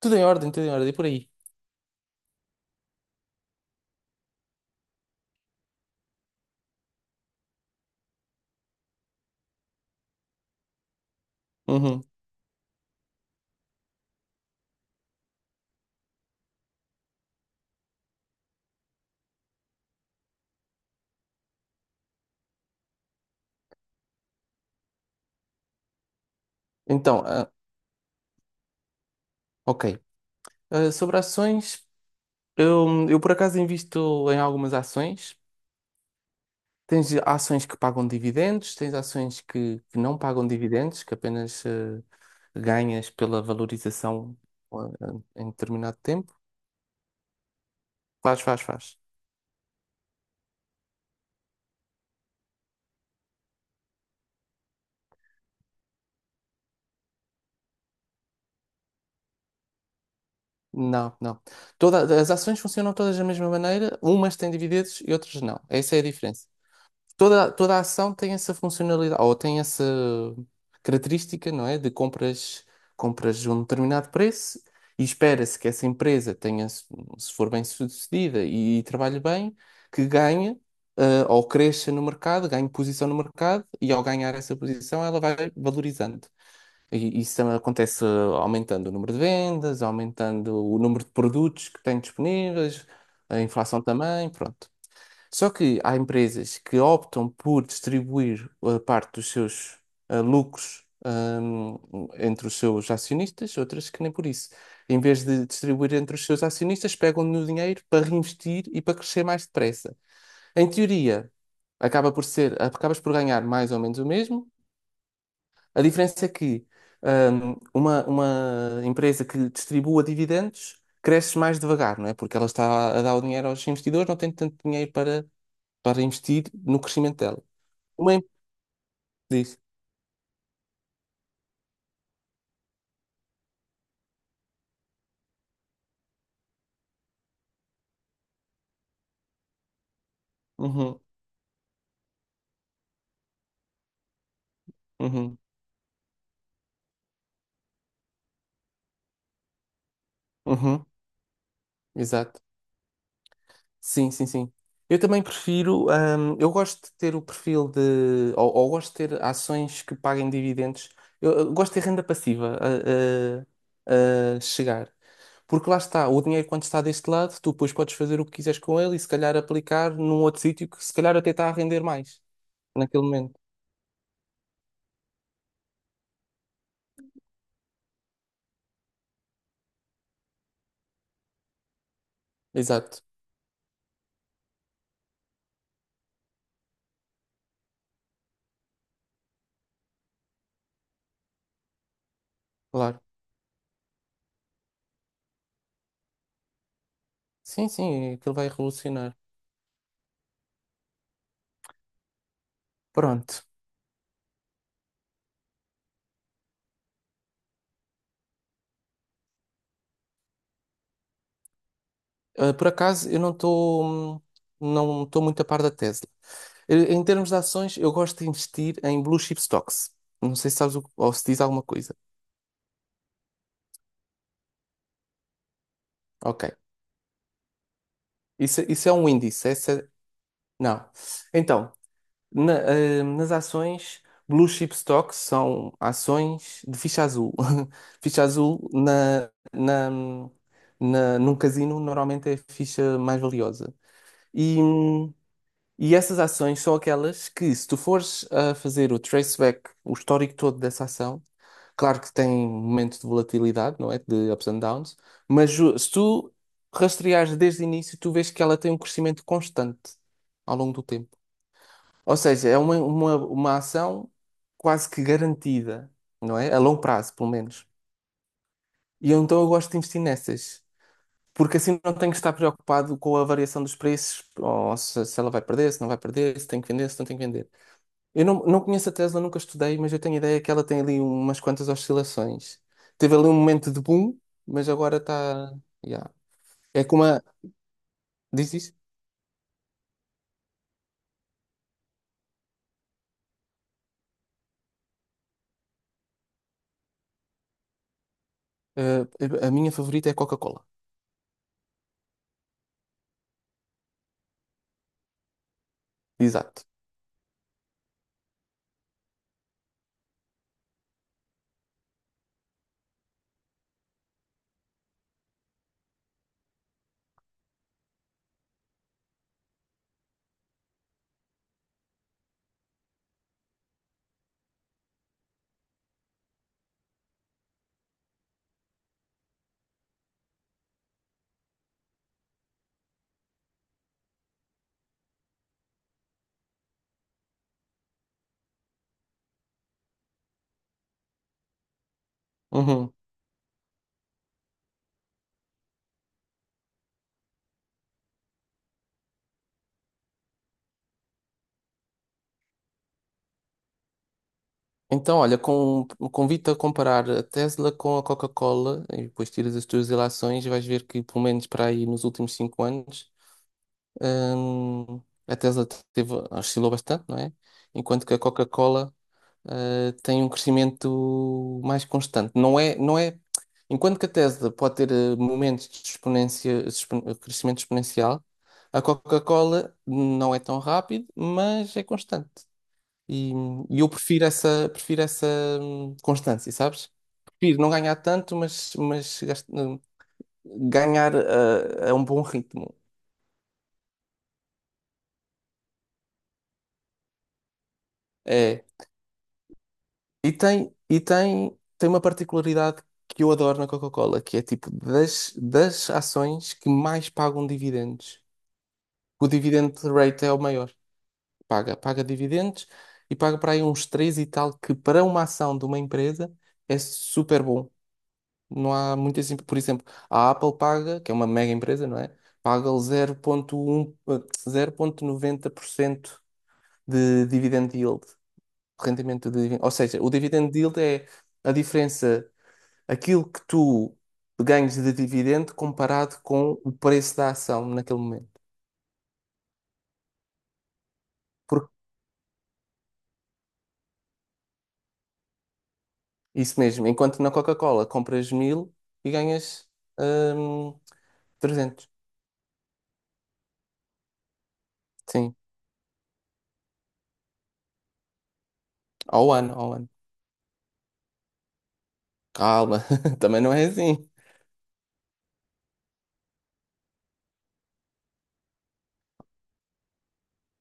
Tudo em ordem, por aí. Uhum. Então, ok. Ah, sobre ações, eu por acaso invisto em algumas ações. Tens ações que pagam dividendos, tens ações que não pagam dividendos, que apenas ganhas pela valorização ah, em determinado tempo. Faz, faz, faz. Não, não. As ações funcionam todas da mesma maneira, umas têm dividendos e outras não. Essa é a diferença. Toda a ação tem essa funcionalidade, ou tem essa característica, não é? De compras de um determinado preço e espera-se que essa empresa tenha, se for bem sucedida e, trabalhe bem, que ganhe, ou cresça no mercado, ganhe posição no mercado e ao ganhar essa posição ela vai valorizando. E isso acontece aumentando o número de vendas, aumentando o número de produtos que tem disponíveis, a inflação também, pronto. Só que há empresas que optam por distribuir a parte dos seus lucros entre os seus acionistas, outras que nem por isso. Em vez de distribuir entre os seus acionistas, pegam no dinheiro para reinvestir e para crescer mais depressa. Em teoria, acaba por ser, acabas por ganhar mais ou menos o mesmo. A diferença é que uma empresa que distribua dividendos cresce mais devagar, não é? Porque ela está a dar o dinheiro aos investidores, não tem tanto dinheiro para investir no crescimento dela. Uma empresa diz. Uhum, uhum, uhum, exato. Sim, sim, sim. Eu também prefiro, eu gosto de ter o perfil de, ou gosto de ter ações que paguem dividendos. Eu gosto de ter renda passiva a, a chegar. Porque lá está, o dinheiro quando está deste lado, tu depois podes fazer o que quiseres com ele e se calhar aplicar num outro sítio que se calhar até está a render mais naquele momento. Exato, claro. Sim, sim, aquilo vai revolucionar. Pronto. Ah, por acaso, eu não estou muito a par da Tesla. Em termos de ações, eu gosto de investir em blue chip stocks. Não sei se sabes o, ou se diz alguma coisa. Ok. Isso é um índice. Essa, é, não. Então, na- nas ações, blue chip stocks são ações de ficha azul. Ficha azul num casino normalmente é a ficha mais valiosa. E, hum, E essas ações são aquelas que, se tu fores a fazer o traceback, o histórico todo dessa ação, claro que tem momentos de volatilidade, não é? De ups and downs, mas o- se tu rastreares desde o início, tu vês que ela tem um crescimento constante ao longo do tempo. Ou seja, é uma, uma ação quase que garantida, não é? A longo prazo, pelo menos. E eu, então eu gosto de investir nessas. Porque assim não tenho que estar preocupado com a variação dos preços, ou se ela vai perder, se não vai perder, se tem que vender, se não tem que vender. Eu não, não conheço a Tesla, nunca estudei, mas eu tenho a ideia que ela tem ali umas quantas oscilações. Teve ali um momento de boom, mas agora está. Yeah. É como a. Diz isso? Eh, a minha favorita é a Coca-Cola. Exato. Uhum. Então, olha, com, convido-te a comparar a Tesla com a Coca-Cola e depois tiras as tuas relações, e vais ver que, pelo menos para aí nos últimos 5 anos, Hum, a Tesla teve, oscilou bastante, não é? Enquanto que a Coca-Cola, tem um crescimento mais constante. Não é, não é, enquanto que a Tesla pode ter momentos de exponência, expon- crescimento exponencial, a Coca-Cola não é tão rápido, mas é constante. E, e eu prefiro essa constância, sabes? Prefiro não ganhar tanto, mas ganhar a um bom ritmo. É. E tem uma particularidade que eu adoro na Coca-Cola, que é tipo das ações que mais pagam dividendos. O dividend rate é o maior. Paga dividendos e paga para aí uns 3 e tal, que para uma ação de uma empresa é super bom. Não há muito assim. Por exemplo, a Apple paga, que é uma mega empresa, não é? Paga 0.1, 0,90% de dividend yield, rendimento de dividend. Ou seja, o dividend yield é a diferença aquilo que tu ganhas de dividendo comparado com o preço da ação naquele momento. Porque isso mesmo, enquanto na Coca-Cola compras mil e ganhas hum, 300. Sim, ao ano, ao ano. Calma, também não é assim.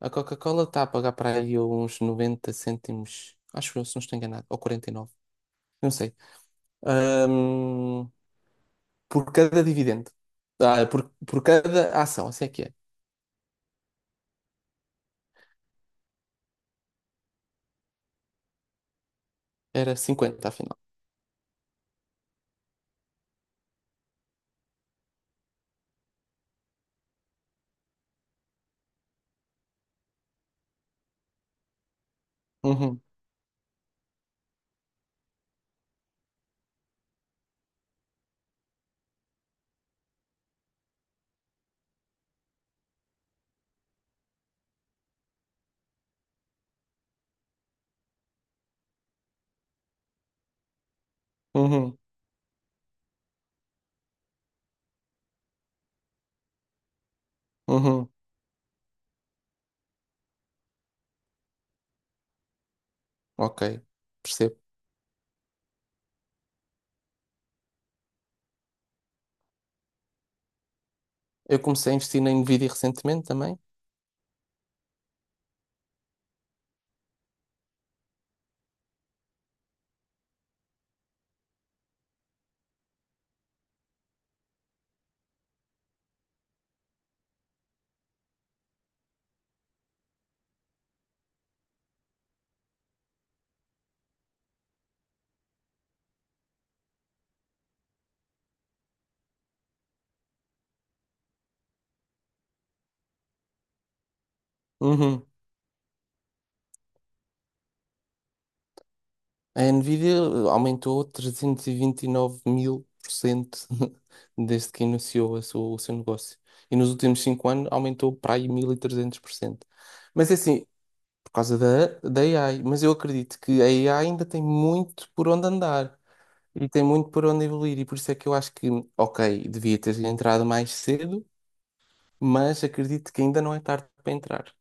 A Coca-Cola está a pagar para aí uns 90 cêntimos, acho eu, se não estou enganado, ou 49 não sei. Hum, por cada dividendo. Ah, por cada ação, assim é que é. Era 50 afinal. Uhum, uhum, uhum. Ok, percebo. Eu comecei a investir na Nvidia recentemente também. Uhum. A Nvidia aumentou trezentos e vinte e nove mil por cento desde que iniciou a sua- o seu negócio. E nos últimos 5 anos aumentou para aí 1.300%. Mas é assim, por causa da AI. Mas eu acredito que a AI ainda tem muito por onde andar e tem muito por onde evoluir. E por isso é que eu acho que, ok, devia ter entrado mais cedo mas acredito que ainda não é tarde para entrar.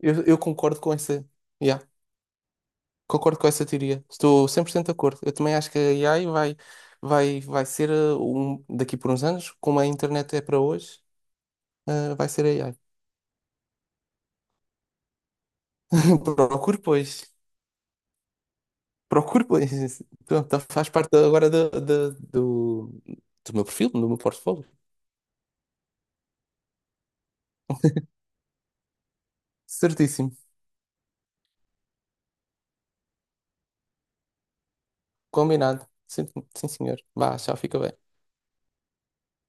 Eu concordo com essa, yeah, concordo com essa teoria. Estou 100% de acordo. Eu também acho que a AI vai ser daqui por uns anos, como a internet é para hoje, vai ser a AI. Procure, pois. Procure, pois. Pronto, faz parte agora do meu perfil, do meu portfólio. Certíssimo. Combinado. Sim, sim, senhor. Vá, tchau, fica bem.